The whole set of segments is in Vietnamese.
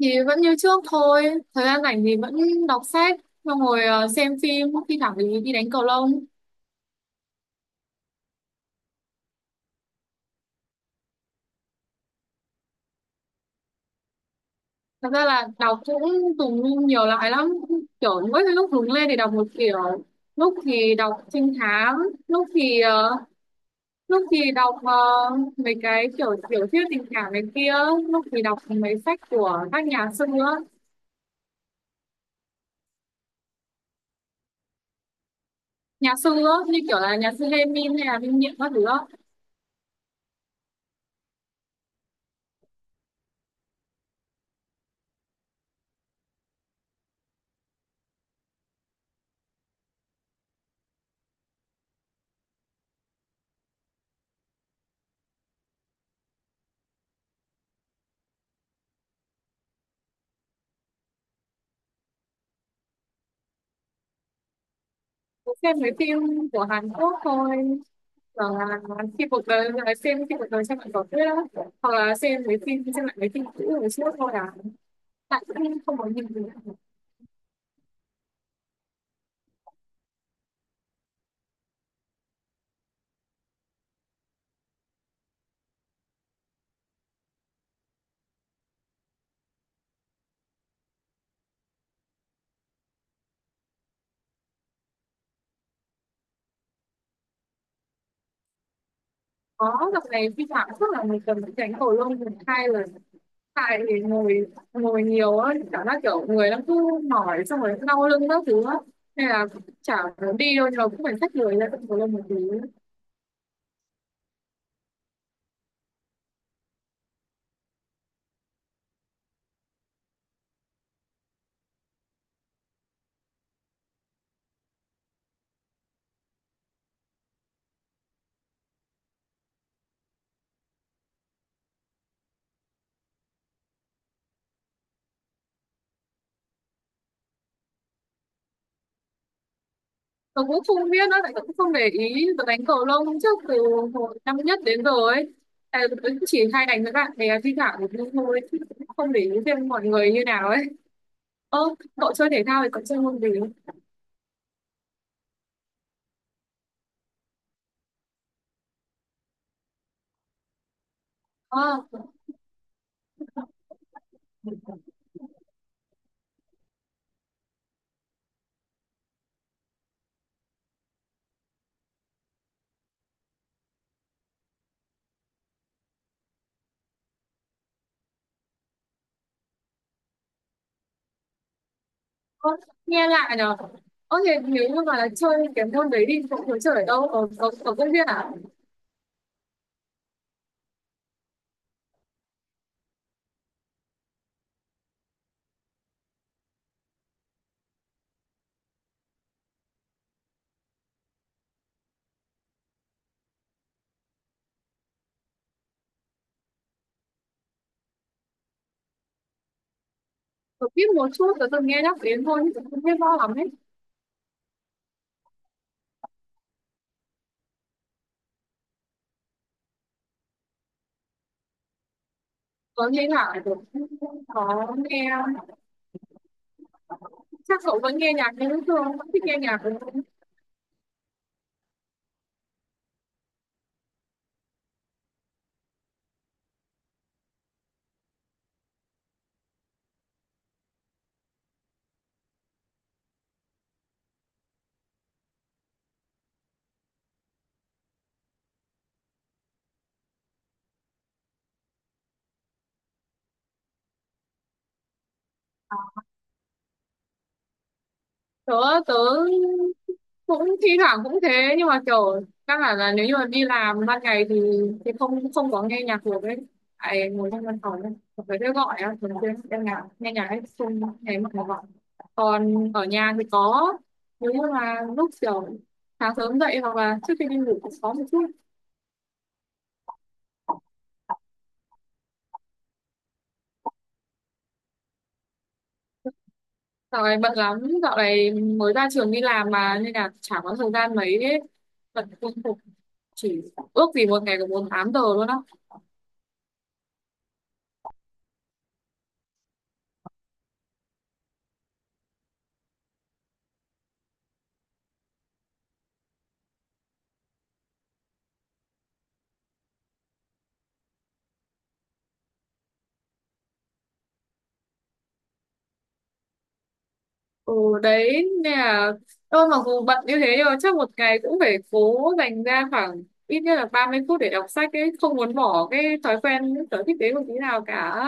Thì vẫn như trước thôi, thời gian rảnh thì vẫn đọc sách, xong rồi xem phim, thi thoảng thì đi đánh cầu lông. Thật ra là đọc cũng dùng nhiều loại lắm, kiểu mỗi cái lúc hứng lên thì đọc một kiểu, lúc thì đọc trinh thám, lúc thì ờ, lúc thì đọc mấy cái kiểu tiểu thuyết tình cảm này kia, lúc thì đọc mấy sách của các nhà sư á. Nhà sư á, như kiểu là nhà sư Lê Min hay là Minh Niệm các thứ á. Cũng xem mấy phim của Hàn Quốc thôi, hoặc là khi cuộc đời xem lại tiểu thuyết á, hoặc là xem lại mấy phim cũ hồi xưa thôi à, tại cũng không có nhiều gì cả. Có, dạo này phim Hàn Quốc là một tuần phải đánh cầu lông một hai lần, tại thì ngồi ngồi nhiều á, cảm giác kiểu người nó cứ mỏi xong rồi đau lưng các thứ á, nên là chả muốn đi đâu nhưng mà cũng phải xách người ra tận cầu lông một tí. Tớ cũng không biết nữa, tại tớ cũng không để ý, tớ đánh cầu lông trước từ hồi năm nhất đến giờ ấy. Tại tớ cũng chỉ hay đánh với bạn bè thi thoảng một lúc thôi, chứ cũng không để ý thêm mọi người như nào ấy. Ơ, cậu chơi thể thao thì cậu chơi môn gì? Ờ, à, nghe lạ nhở. Ơ thì nếu như mà chơi cái môn đấy đi, cậu có chơi ở đâu? Ở công viên à? Tớ biết một chút, tớ từng nghe nhắc đến thôi, chứ tớ không biết rõ lắm ấy. Tớ nghe lạ, tớ cũng không có nghe, chắc cậu vẫn nghe nhạc như thường, vẫn thích nghe nhạc đúng không? Tớ tớ cũng thi thoảng cũng thế, nhưng mà kiểu căn bản là nếu như mà đi làm ban ngày thì không không có nghe nhạc được ấy, tại ngồi trong văn phòng ấy phải thế gọi á, thường xuyên đang nhạc nghe nhạc ấy xung thế mà gọi, còn ở nhà thì có, nếu như mà lúc kiểu sáng sớm dậy hoặc là trước khi đi ngủ cũng có một chút. Dạo này bận lắm, dạo này mới ra trường đi làm mà nên là chả có thời gian mấy ấy. Bận công việc, chỉ ước gì một ngày được 48 giờ luôn á. Ừ, đấy nên là tôi mặc dù bận như thế nhưng mà chắc một ngày cũng phải cố dành ra khoảng ít nhất là 30 phút để đọc sách ấy, không muốn bỏ cái thói quen cái sở thích đấy một tí nào cả.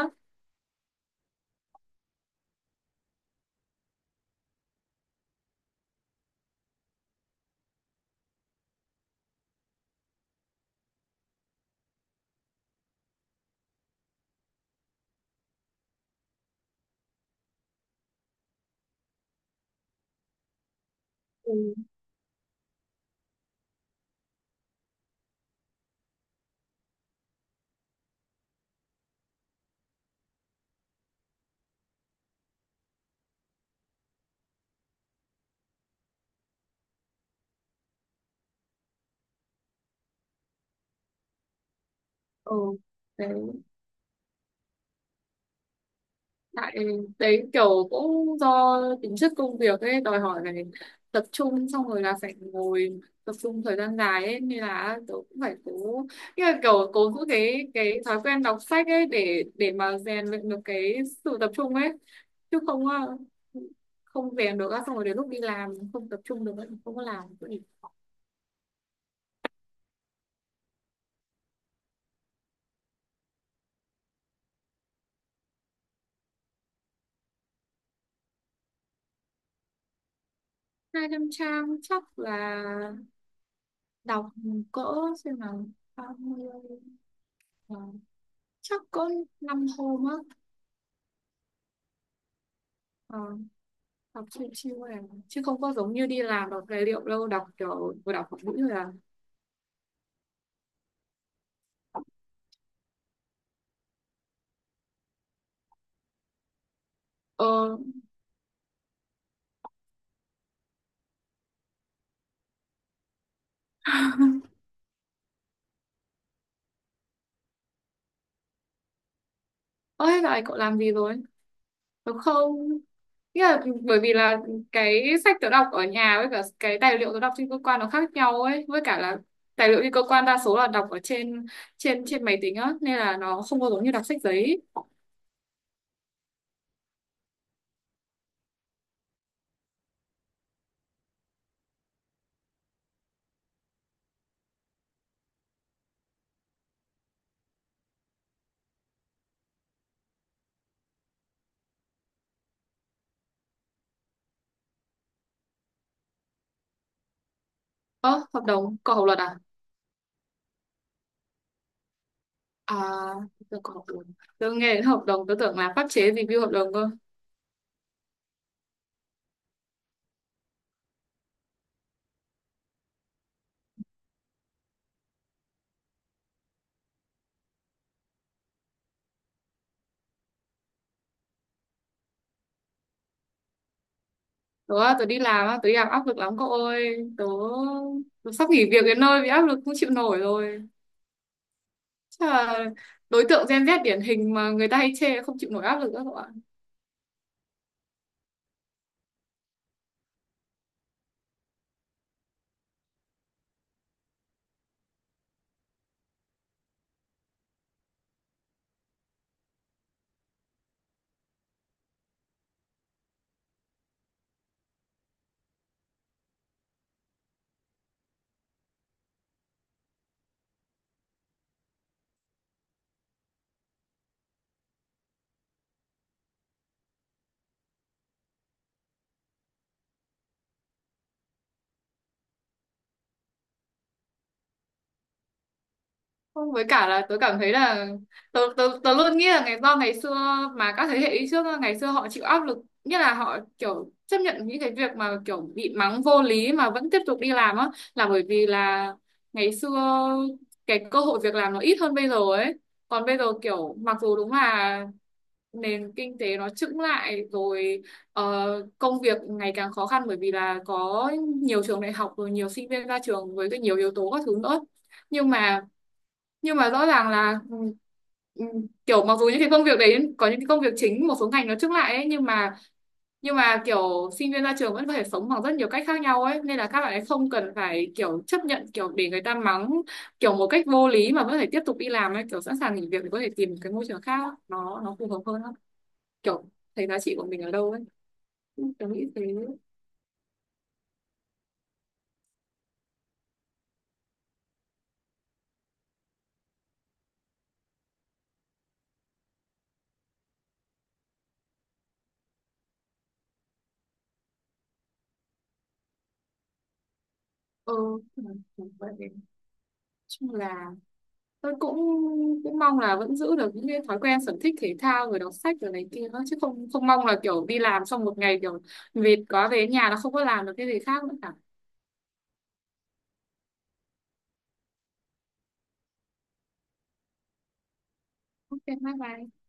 Ừ, ừ. Đấy. Tại đấy kiểu cũng do tính chất công việc ấy đòi hỏi phải tập trung, xong rồi là phải ngồi tập trung thời gian dài ấy, nên là tớ cũng phải cố, như là kiểu cố giữ cái thói quen đọc sách ấy, để mà rèn luyện được cái sự tập trung ấy, chứ không không rèn được á, xong rồi đến lúc đi làm không tập trung được ấy, không có làm được gì. 200 trang chắc là đọc cỡ, xem nào, 30 ờ, chắc cỡ 5 hôm á. Ờ, học chiêu chiêu này, chứ không có giống như đi làm đọc tài liệu đâu, đọc kiểu vừa đọc một mũi rồi à. ờ Ôi, dạo này cậu làm gì rồi đúng không? Nghĩa là bởi vì là cái sách tớ đọc ở nhà với cả cái tài liệu tớ đọc trên cơ quan nó khác nhau ấy, với cả là tài liệu trên cơ quan đa số là đọc ở trên trên trên máy tính á, nên là nó không có giống như đọc sách giấy. Ơ hợp đồng cậu học luật à? À, tớ có học luật, tớ nghe đến hợp đồng tớ tưởng là pháp chế review hợp đồng cơ. Tớ đi làm áp lực lắm cậu ơi. Tớ sắp nghỉ việc đến nơi vì áp lực không chịu nổi rồi. Chắc là đối tượng Gen Z điển hình mà người ta hay chê không chịu nổi áp lực đó cậu ạ. Không, với cả là tớ cảm thấy là tớ luôn nghĩ là ngày xưa mà các thế hệ đi trước á, ngày xưa họ chịu áp lực, nghĩa là họ kiểu chấp nhận những cái việc mà kiểu bị mắng vô lý mà vẫn tiếp tục đi làm á, là bởi vì là ngày xưa cái cơ hội việc làm nó ít hơn bây giờ ấy. Còn bây giờ kiểu mặc dù đúng là nền kinh tế nó chững lại rồi, ờ, công việc ngày càng khó khăn, bởi vì là có nhiều trường đại học rồi nhiều sinh viên ra trường với cái nhiều yếu tố các thứ nữa, nhưng mà rõ ràng là ừ, ừ, kiểu mặc dù những cái công việc đấy có những cái công việc chính một số ngành nó chững lại ấy, nhưng mà kiểu sinh viên ra trường vẫn có thể sống bằng rất nhiều cách khác nhau ấy, nên là các bạn ấy không cần phải kiểu chấp nhận kiểu để người ta mắng kiểu một cách vô lý mà vẫn phải tiếp tục đi làm ấy, kiểu sẵn sàng nghỉ việc để có thể tìm cái môi trường khác nó phù hợp hơn á, kiểu thấy giá trị của mình ở đâu ấy. Ừ, tớ nghĩ thế. ờ ừ, vậy chung là tôi cũng cũng mong là vẫn giữ được những cái thói quen sở thích thể thao rồi đọc sách rồi này kia đó, chứ không không mong là kiểu đi làm xong một ngày kiểu mệt quá về nhà nó không có làm được cái gì khác nữa cả. Ok bye bye.